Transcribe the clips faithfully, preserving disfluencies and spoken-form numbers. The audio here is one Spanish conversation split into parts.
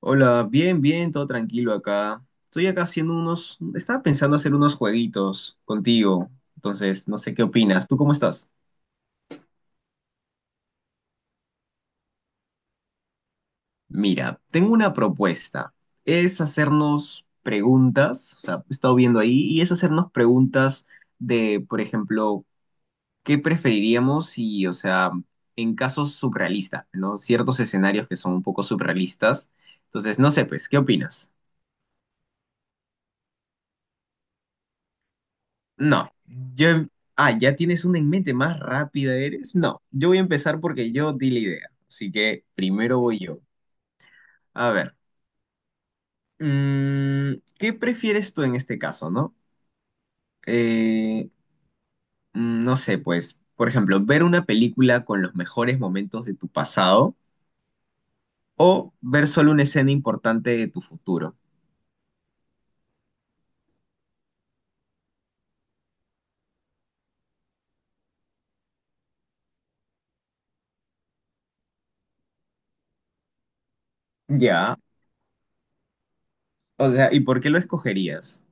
Hola, bien, bien, todo tranquilo acá. Estoy acá haciendo unos, estaba pensando hacer unos jueguitos contigo, entonces no sé qué opinas. ¿Tú cómo estás? Mira, tengo una propuesta. Es hacernos preguntas, o sea, he estado viendo ahí, y es hacernos preguntas de, por ejemplo, ¿qué preferiríamos si, o sea, en casos surrealistas, ¿no? Ciertos escenarios que son un poco surrealistas. Entonces, no sé, pues, ¿qué opinas? No, yo... Ah, ¿ya tienes una en mente? ¿Más rápida eres? No, yo voy a empezar porque yo di la idea. Así que primero voy yo. A ver, mm, ¿qué prefieres tú en este caso, no? Eh, mm, no sé, pues, por ejemplo, ver una película con los mejores momentos de tu pasado o ver solo una escena importante de tu futuro. Ya, o sea, ¿y por qué lo escogerías?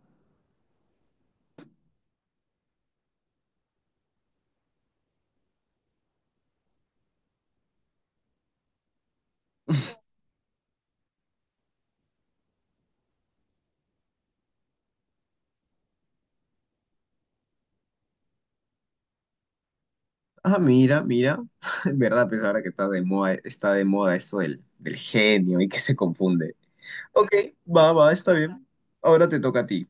Ah, mira, mira. En verdad, pues ahora que está de moda, está de moda esto del, del genio y que se confunde. Ok, va, va, está bien. Ahora te toca a ti.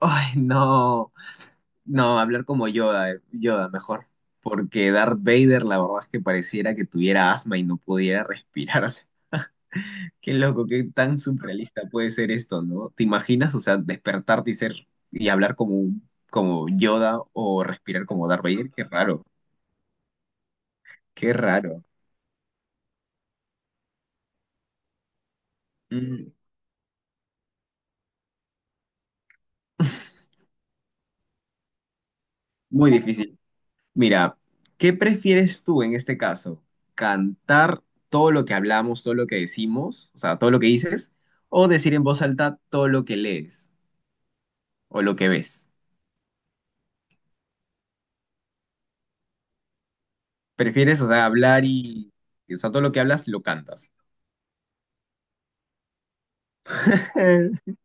Ay, no, no, hablar como Yoda, eh, Yoda mejor, porque Darth Vader la verdad es que pareciera que tuviera asma y no pudiera respirar, o sea, qué loco, qué tan surrealista puede ser esto, ¿no? ¿Te imaginas, o sea, despertarte y ser y hablar como un- como Yoda o respirar como Darth Vader? Qué raro, qué raro. Mm, muy difícil. Mira, ¿qué prefieres tú en este caso? ¿Cantar todo lo que hablamos, todo lo que decimos, o sea, todo lo que dices, o decir en voz alta todo lo que lees o lo que ves? ¿Prefieres, o sea, hablar y, y, o sea, todo lo que hablas lo cantas?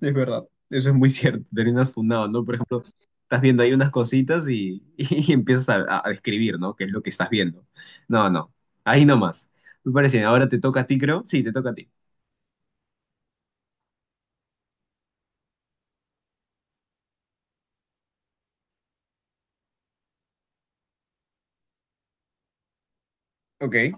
Es verdad, eso es muy cierto, terminas fundado, ¿no? Por ejemplo, estás viendo ahí unas cositas y, y empiezas a, a describir, ¿no? ¿Qué es lo que estás viendo? No, no, ahí nomás. Me parece bien, ahora te toca a ti, creo. Sí, te toca a ti. Ok.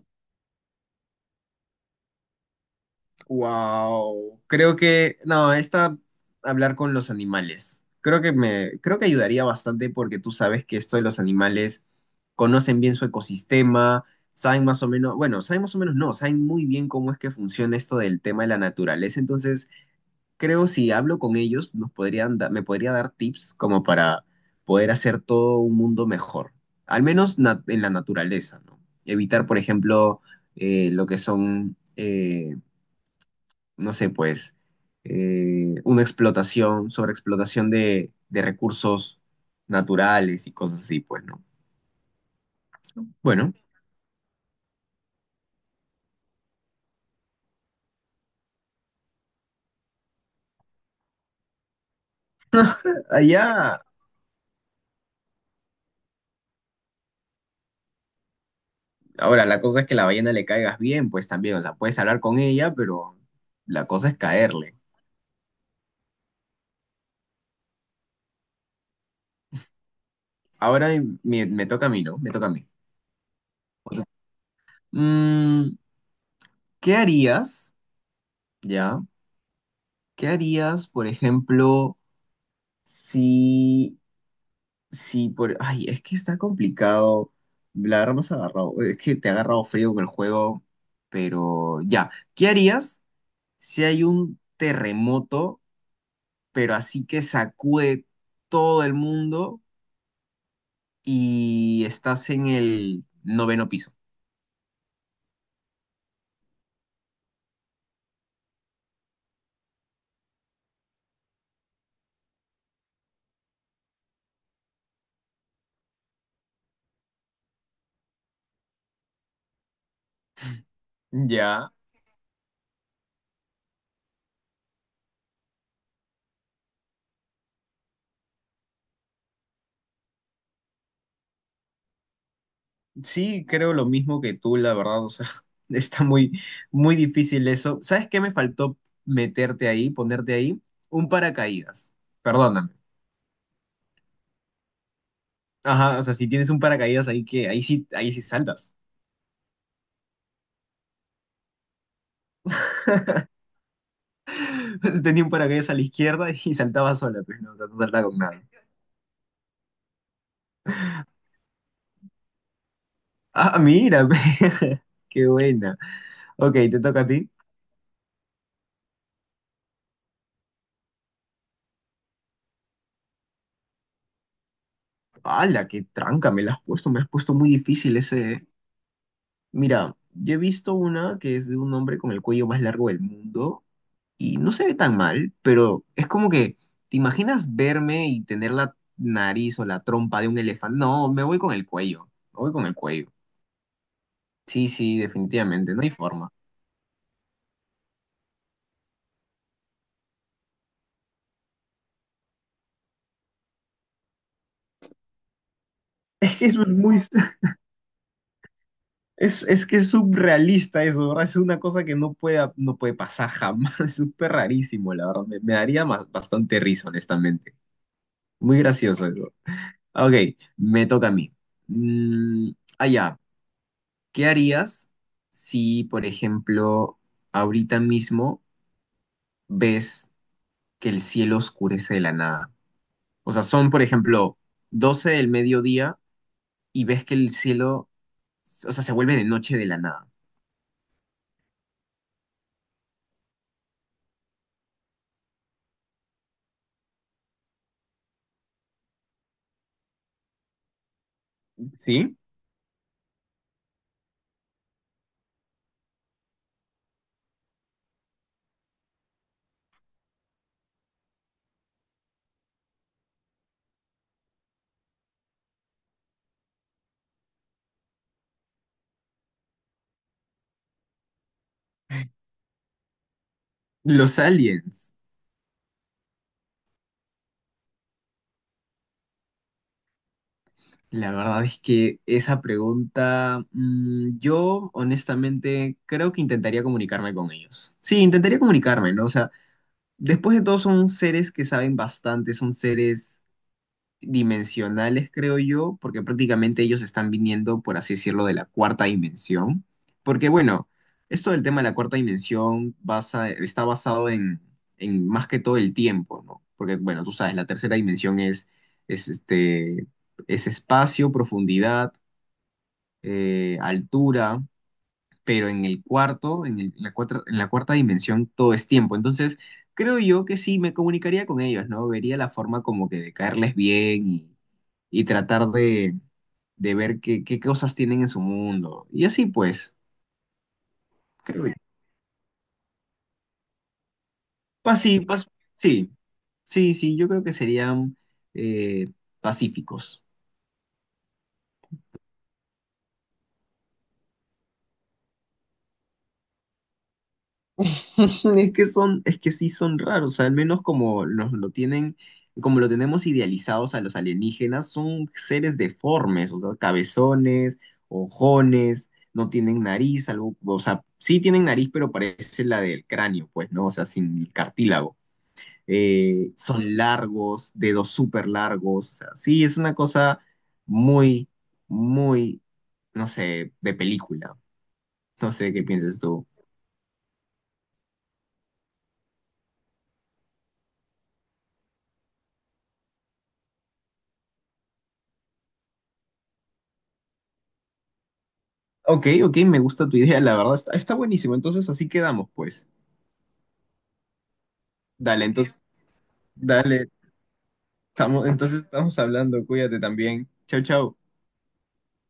Wow. Creo que, no, esta, hablar con los animales. Creo que me, creo que ayudaría bastante porque tú sabes que esto de los animales conocen bien su ecosistema, saben más o menos, bueno, saben más o menos no, saben muy bien cómo es que funciona esto del tema de la naturaleza. Entonces, creo si hablo con ellos, nos podrían da- me podría dar tips como para poder hacer todo un mundo mejor, al menos na- en la naturaleza, ¿no? Evitar, por ejemplo, eh, lo que son eh, no sé, pues, eh, una explotación, sobreexplotación de, de recursos naturales y cosas así, pues, ¿no? Bueno, allá, ahora la cosa es que la ballena le caigas bien, pues también, o sea, puedes hablar con ella, pero la cosa es caerle. Ahora me, me toca a mí, ¿no? Me toca a mí. Mm, ¿qué harías, ya? ¿Qué harías, por ejemplo, si Sí, por... Ay, es que está complicado. La verdad me has agarrado. Es que te ha agarrado frío con el juego. Pero ya. ¿Qué harías si hay un terremoto, pero así que sacude todo el mundo y estás en el noveno piso? Ya. Sí, creo lo mismo que tú, la verdad. O sea, está muy, muy difícil eso. ¿Sabes qué me faltó meterte ahí, ponerte ahí? Un paracaídas. Perdóname. Ajá, o sea, si tienes un paracaídas ahí que ahí sí, ahí sí saltas. Tenía un paracaídas a la izquierda y saltaba sola, pues no, o sea, no saltaba con nadie. Ah, mira, pe, qué buena. Ok, te toca a ti. ¡Hala, qué tranca! Me la has puesto, me has puesto muy difícil ese. eh. Mira, yo he visto una que es de un hombre con el cuello más largo del mundo y no se ve tan mal, pero es como que, ¿te imaginas verme y tener la nariz o la trompa de un elefante? No, me voy con el cuello, me voy con el cuello. Sí, sí, definitivamente, no hay forma. Es que eso es muy, es, es que es surrealista eso, ¿verdad? Es una cosa que no puede, no puede pasar jamás, es súper rarísimo, la verdad. Me, me daría más- bastante risa, honestamente. Muy gracioso eso. Ok, me toca a mí. Mm, ah, ya, ¿qué harías si, por ejemplo, ahorita mismo ves que el cielo oscurece de la nada? O sea, son, por ejemplo, doce del mediodía y ves que el cielo o sea, se vuelve de noche de la nada. ¿Sí? Los aliens. La verdad es que esa pregunta, mm, yo honestamente creo que intentaría comunicarme con ellos. Sí, intentaría comunicarme, ¿no? O sea, después de todo son seres que saben bastante, son seres dimensionales, creo yo, porque prácticamente ellos están viniendo, por así decirlo, de la cuarta dimensión. Porque bueno, esto del tema de la cuarta dimensión basa- está basado en, en más que todo el tiempo, ¿no? Porque bueno, tú sabes, la tercera dimensión es, es, este, es espacio, profundidad, eh, altura, pero en el cuarto, en el- en la cuarta, en la cuarta dimensión, todo es tiempo. Entonces, creo yo que sí, me comunicaría con ellos, ¿no? Vería la forma como que de caerles bien y tratar de, de ver qué, qué cosas tienen en su mundo. Y así pues, creo que- Pues sí, pues sí, sí, sí, yo creo que serían eh, pacíficos. Es que son, es que sí son raros, al menos como nos lo tienen, como lo tenemos idealizados a los alienígenas, son seres deformes, o sea, cabezones, ojones, no tienen nariz, algo, o sea, sí tienen nariz, pero parece la del cráneo, pues, ¿no? O sea, sin el cartílago. eh, son largos, dedos súper largos, o sea, sí, es una cosa muy, muy, no sé, de película. No sé qué piensas tú. Ok, ok, me gusta tu idea, la verdad, está, está buenísimo, entonces así quedamos, pues. Dale, entonces, dale, estamos, entonces estamos hablando, cuídate también. Chau, chau.